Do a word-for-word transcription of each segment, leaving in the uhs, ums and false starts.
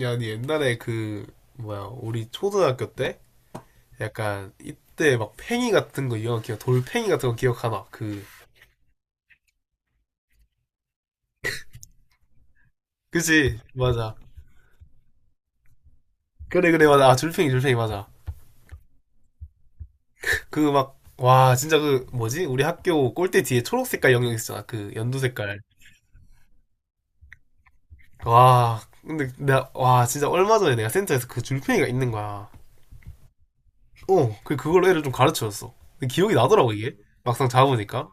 야, 니 옛날에 그, 뭐야, 우리 초등학교 때? 약간, 이때 막 팽이 같은 거, 이거 기억, 돌팽이 같은 거 기억하나? 그, 그치? 맞아. 그래, 그래, 맞아. 아, 줄팽이, 줄팽이, 맞아. 그 막, 와, 진짜 그, 뭐지? 우리 학교 꼴대 뒤에 초록 색깔 영역 있었잖아. 그, 연두 색깔. 와, 근데 내가 와, 진짜 얼마 전에 내가 센터에서 그 줄팽이가 있는 거야. 어, 그, 그걸로 애를 좀 가르쳐줬어. 근데 기억이 나더라고, 이게. 막상 잡으니까.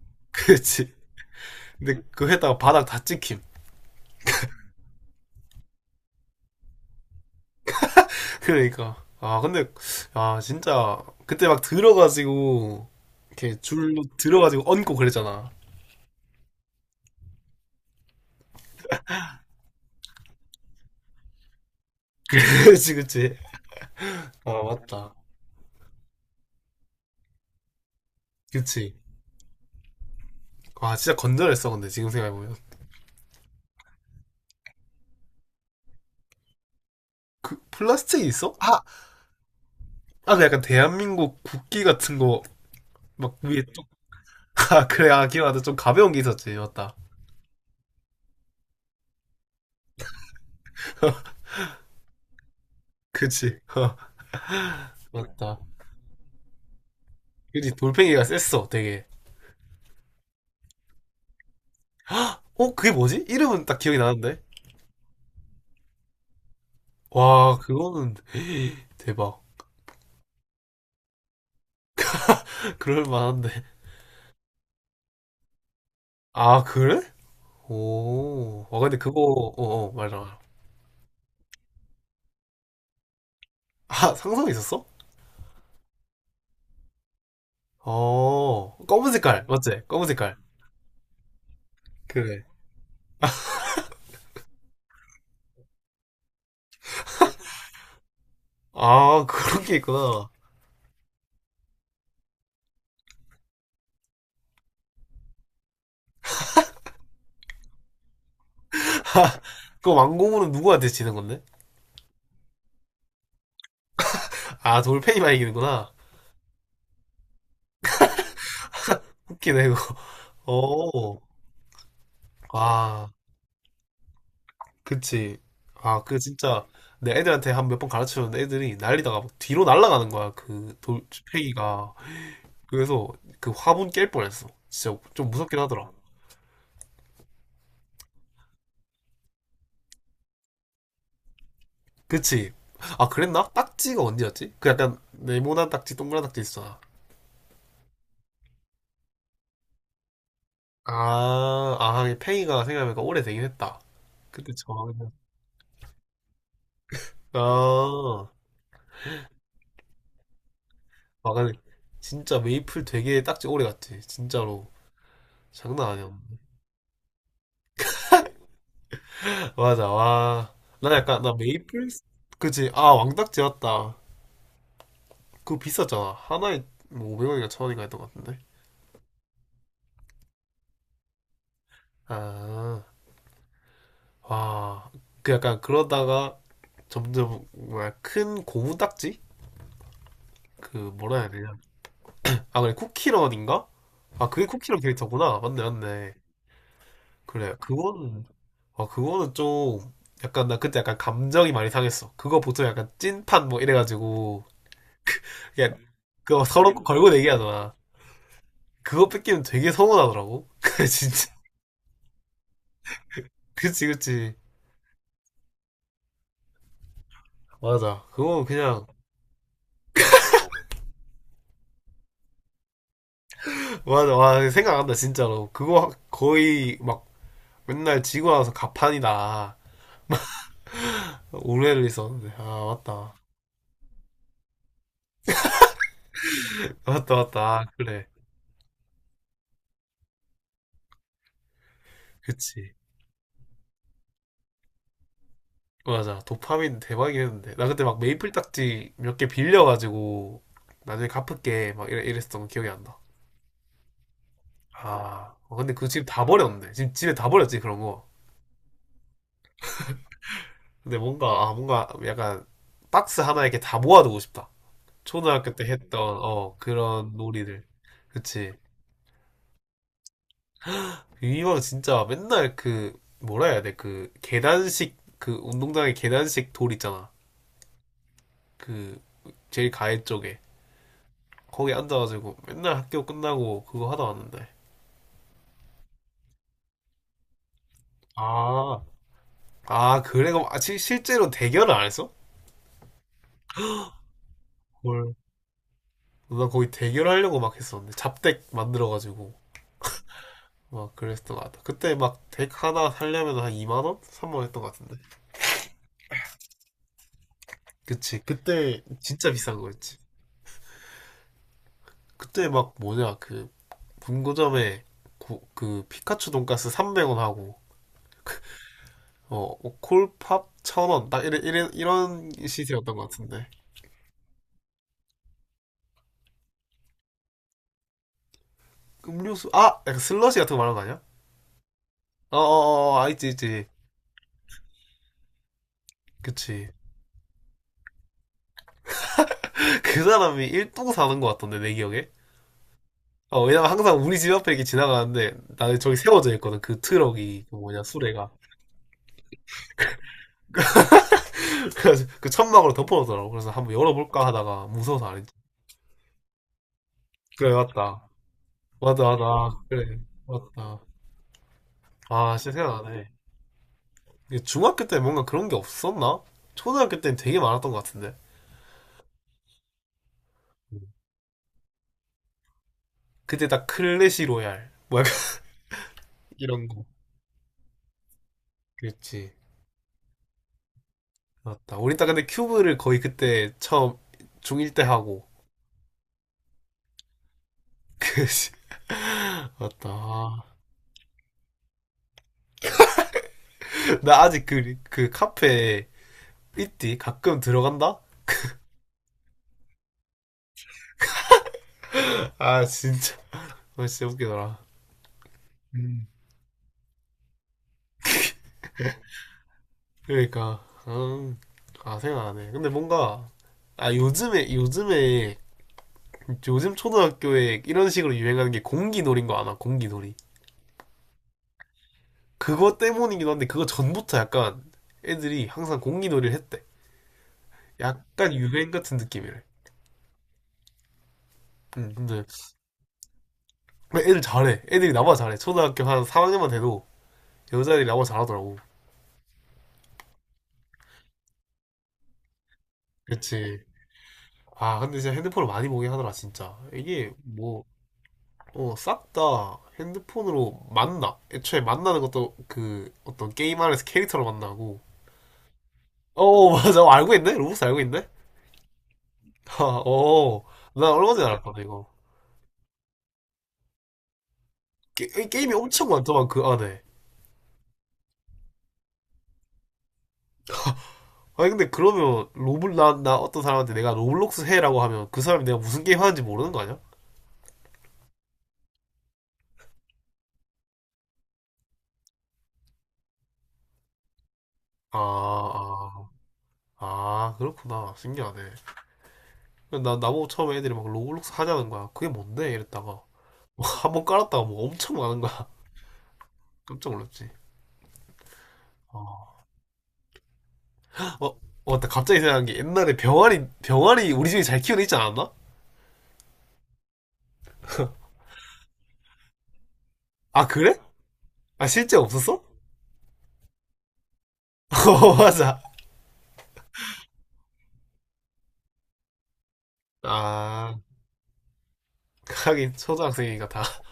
그치. 근데 그 했다가 바닥 다 찍힘. 그러니까. 아, 근데, 아, 진짜, 그때 막 들어가지고, 이렇게 줄로 들어가지고 얹고 그랬잖아. 그치, 그치. 아, 맞다. 그치. 아, 진짜 건전했어, 근데, 지금 생각해보면. 그, 플라스틱이 있어? 아! 아, 그 약간 대한민국 국기 같은 거, 막 위에 쭉, 아, 그래, 아, 기억나다. 좀 가벼운 게 있었지, 맞다. 그치. 어, 맞다. 그치, 돌멩이가 셌어, 되게. 어, 그게 뭐지? 이름은 딱 기억이 나는데? 와, 그거는 대박. 그럴 만한데. 아, 그래? 오, 아 근데 그거, 어, 어, 맞아. 아, 상상이 있었어? 어, 검은 색깔, 맞지? 검은 색깔. 그래. 아, 그런 게 있구나. 그 왕공으로 누구한테 지는 건데? 아, 돌팽이만 이기는구나. 웃기네, 이거. 어, 아, 그치. 아, 그 진짜, 내 애들한테 한 몇 번 가르쳐줬는데 애들이 날리다가 막 뒤로 날아가는 거야, 그 돌팽이가. 그래서 그 화분 깰 뻔했어. 진짜 좀 무섭긴 하더라. 그치? 아, 그랬나? 딱지가 언제였지? 그 약간 네모난 딱지, 동그란 딱지 있어. 아, 아, 이게 팽이가 생각해보니까 오래되긴 했다. 그때 저학년. 아, 아, 근데 진짜 메이플 되게 딱지 오래 갔지. 진짜로. 장난 아니었네. 맞아, 와. 나 약간, 나 메이플, 그치? 아, 왕딱지 맞다. 그거 비쌌잖아. 하나에 뭐 오백 원인가 천 원인가 했던 것 같은데. 아, 와. 그 약간 그러다가 점점, 뭐야, 큰 고무 딱지? 그, 뭐라 해야 되냐. 아, 그래, 쿠키런인가? 아, 그게 쿠키런 캐릭터구나. 맞네, 맞네. 그래, 그거는, 아, 그거는 좀, 약간, 나 그때 약간 감정이 많이 상했어. 그거 보통 약간 찐판 뭐 이래가지고, 그냥, 그거 서로 걸고 내기하잖아. 그거 뺏기면 되게 서운하더라고. 그래, 진짜. 그치, 그치. 맞아. 그거 그냥, 맞아. 와, 생각 안 난다, 진짜로. 그거 거의 막 맨날 지고 나서 가판이다. 오해를 있었는데. 아, 맞다. 맞다, 맞다. 아, 그래. 그치. 맞아. 도파민 대박이었는데. 나 그때 막 메이플 딱지 몇 개 빌려가지고 나중에 갚을게 막 이래, 이랬었던 거 기억이 안 나. 아, 어, 근데 그 집 다 버렸네. 지금 집에 다 버렸지 그런 거. 근데 뭔가 아 뭔가 약간 박스 하나 이렇게 다 모아두고 싶다. 초등학교 때 했던 어 그런 놀이들. 그치. 이왕 진짜 맨날 그 뭐라 해야 돼? 그 계단식 그 운동장에 계단식 돌 있잖아. 그 제일 가해 쪽에 거기 앉아가지고 맨날 학교 끝나고 그거 하다 왔는데. 아, 아, 그래. 그럼 아, 실- 실제로 대결을 안 했어? 헐. 나 거기 대결하려고 막 했었는데. 잡덱 만들어가지고. 막 그랬던 것 같아. 그때 막 덱 하나 살려면 한 이만 원? 삼만 원 했던 것 같은데. 그치. 그때 진짜 비싼 거였지. 그때 막 뭐냐, 그 문고점에그 피카츄 돈가스 삼백 원 하고 그, 어, 어, 콜팝 천 원. 딱 이래, 이래, 이런 시세였던 것 같은데. 음료수, 아! 약간 슬러시 같은 거 말하는 거 아니야? 어어어, 아, 있지, 있지. 그치. 그 사람이 일동 사는 것 같던데, 내 기억에. 어, 왜냐면 항상 우리 집 앞에 이렇게 지나가는데, 나는 저기 세워져 있거든. 그 트럭이, 그 뭐냐, 수레가. 그래서 그 천막으로 덮어놓더라고. 그래서 한번 열어볼까 하다가 무서워서 안 했지. 그래, 맞다. 맞다, 맞다. 그래, 맞다. 아, 진짜 생각나네. 이게 중학교 때 뭔가 그런 게 없었나? 초등학교 때는 되게 많았던 것 같은데. 그때 딱 클래시 로얄. 뭐 약간 이런 거. 그렇지. 맞다. 우리 딱 근데 큐브를 거의 그때 처음 중일 때 하고, 그 맞다. 나 아직 그, 그 카페 있디? 가끔 들어간다? 아, 진짜. 아, 진짜 웃기더라. 그러니까, 음, 아, 생각나네. 근데 뭔가, 아, 요즘에, 요즘에, 요즘 초등학교에 이런 식으로 유행하는 게 공기놀이인 거 아나, 공기놀이. 그거 때문이기도 한데, 그거 전부터 약간 애들이 항상 공기놀이를 했대. 약간 유행 같은 느낌이래. 응, 근데 애들 잘해. 애들이 나보다 잘해. 초등학교 한 삼 학년만 돼도 여자애들이 나보다 잘하더라고. 그치. 아, 근데 진짜 핸드폰을 많이 보긴 하더라, 진짜. 이게 뭐, 어, 싹 다 핸드폰으로 만나. 애초에 만나는 것도 그 어떤 게임 안에서 캐릭터로 만나고. 어, 어, 맞아. 알고 있네? 로봇 알고 있네? 아, 어. 나 얼마 전에 알았거든, 이거. 게, 임이 엄청 많더만, 그 안에. 아니, 근데 그러면 로블, 나, 나 어떤 사람한테 내가 로블록스 해라고 하면 그 사람이 내가 무슨 게임 하는지 모르는 거 아니야? 아, 아, 아, 그렇구나. 신기하네. 나, 나보고 처음에 애들이 막 로블록스 하자는 거야. 그게 뭔데? 이랬다가. 한번 깔았다가 뭐 엄청 많은 거야. 깜짝 놀랐지. 어, 어, 맞다. 갑자기 생각난 게 옛날에 병아리, 병아리 우리 집에 잘 키우는 있지 않았나? 아, 그래? 아, 실제 없었어? 어, 맞아. 아, 하긴 초등학생이니까 다.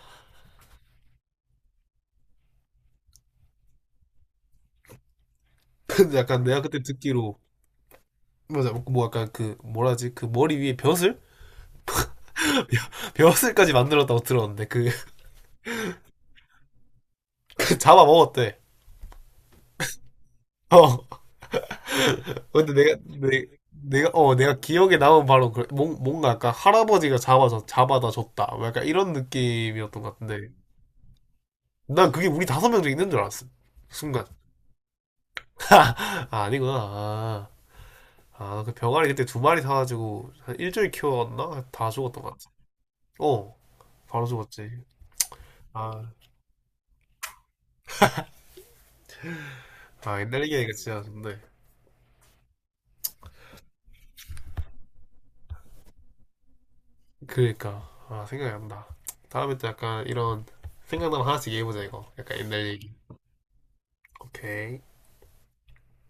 근데 약간 내가 그때 듣기로 맞아, 뭐 약간 그 뭐라 하지? 그 머리 위에 벼슬? 벼슬까지 만들었다고 들었는데 그, 그 잡아먹었대. 어. 근데 내가, 내, 내가, 어, 내가 기억에 남은 바로 그, 뭔- 뭔가 약간 할아버지가 잡아서, 잡아다 줬다. 뭐 약간 이런 느낌이었던 것 같은데. 난 그게 우리 다섯 명 중에 있는 줄 알았어. 순간. 아, 아니구나. 아, 아, 그 병아리 그때 두 마리 사가지고 한 일주일 키웠나? 다 죽었던 것 같아. 어, 바로 죽었지. 아, 아, 옛날 얘기하니까 진짜 좋네. 그러니까. 아, 생각이 안 나. 다음에 또 약간 이런 생각나면 하나씩 얘기해보자, 이거. 약간 옛날 얘기. 오케이.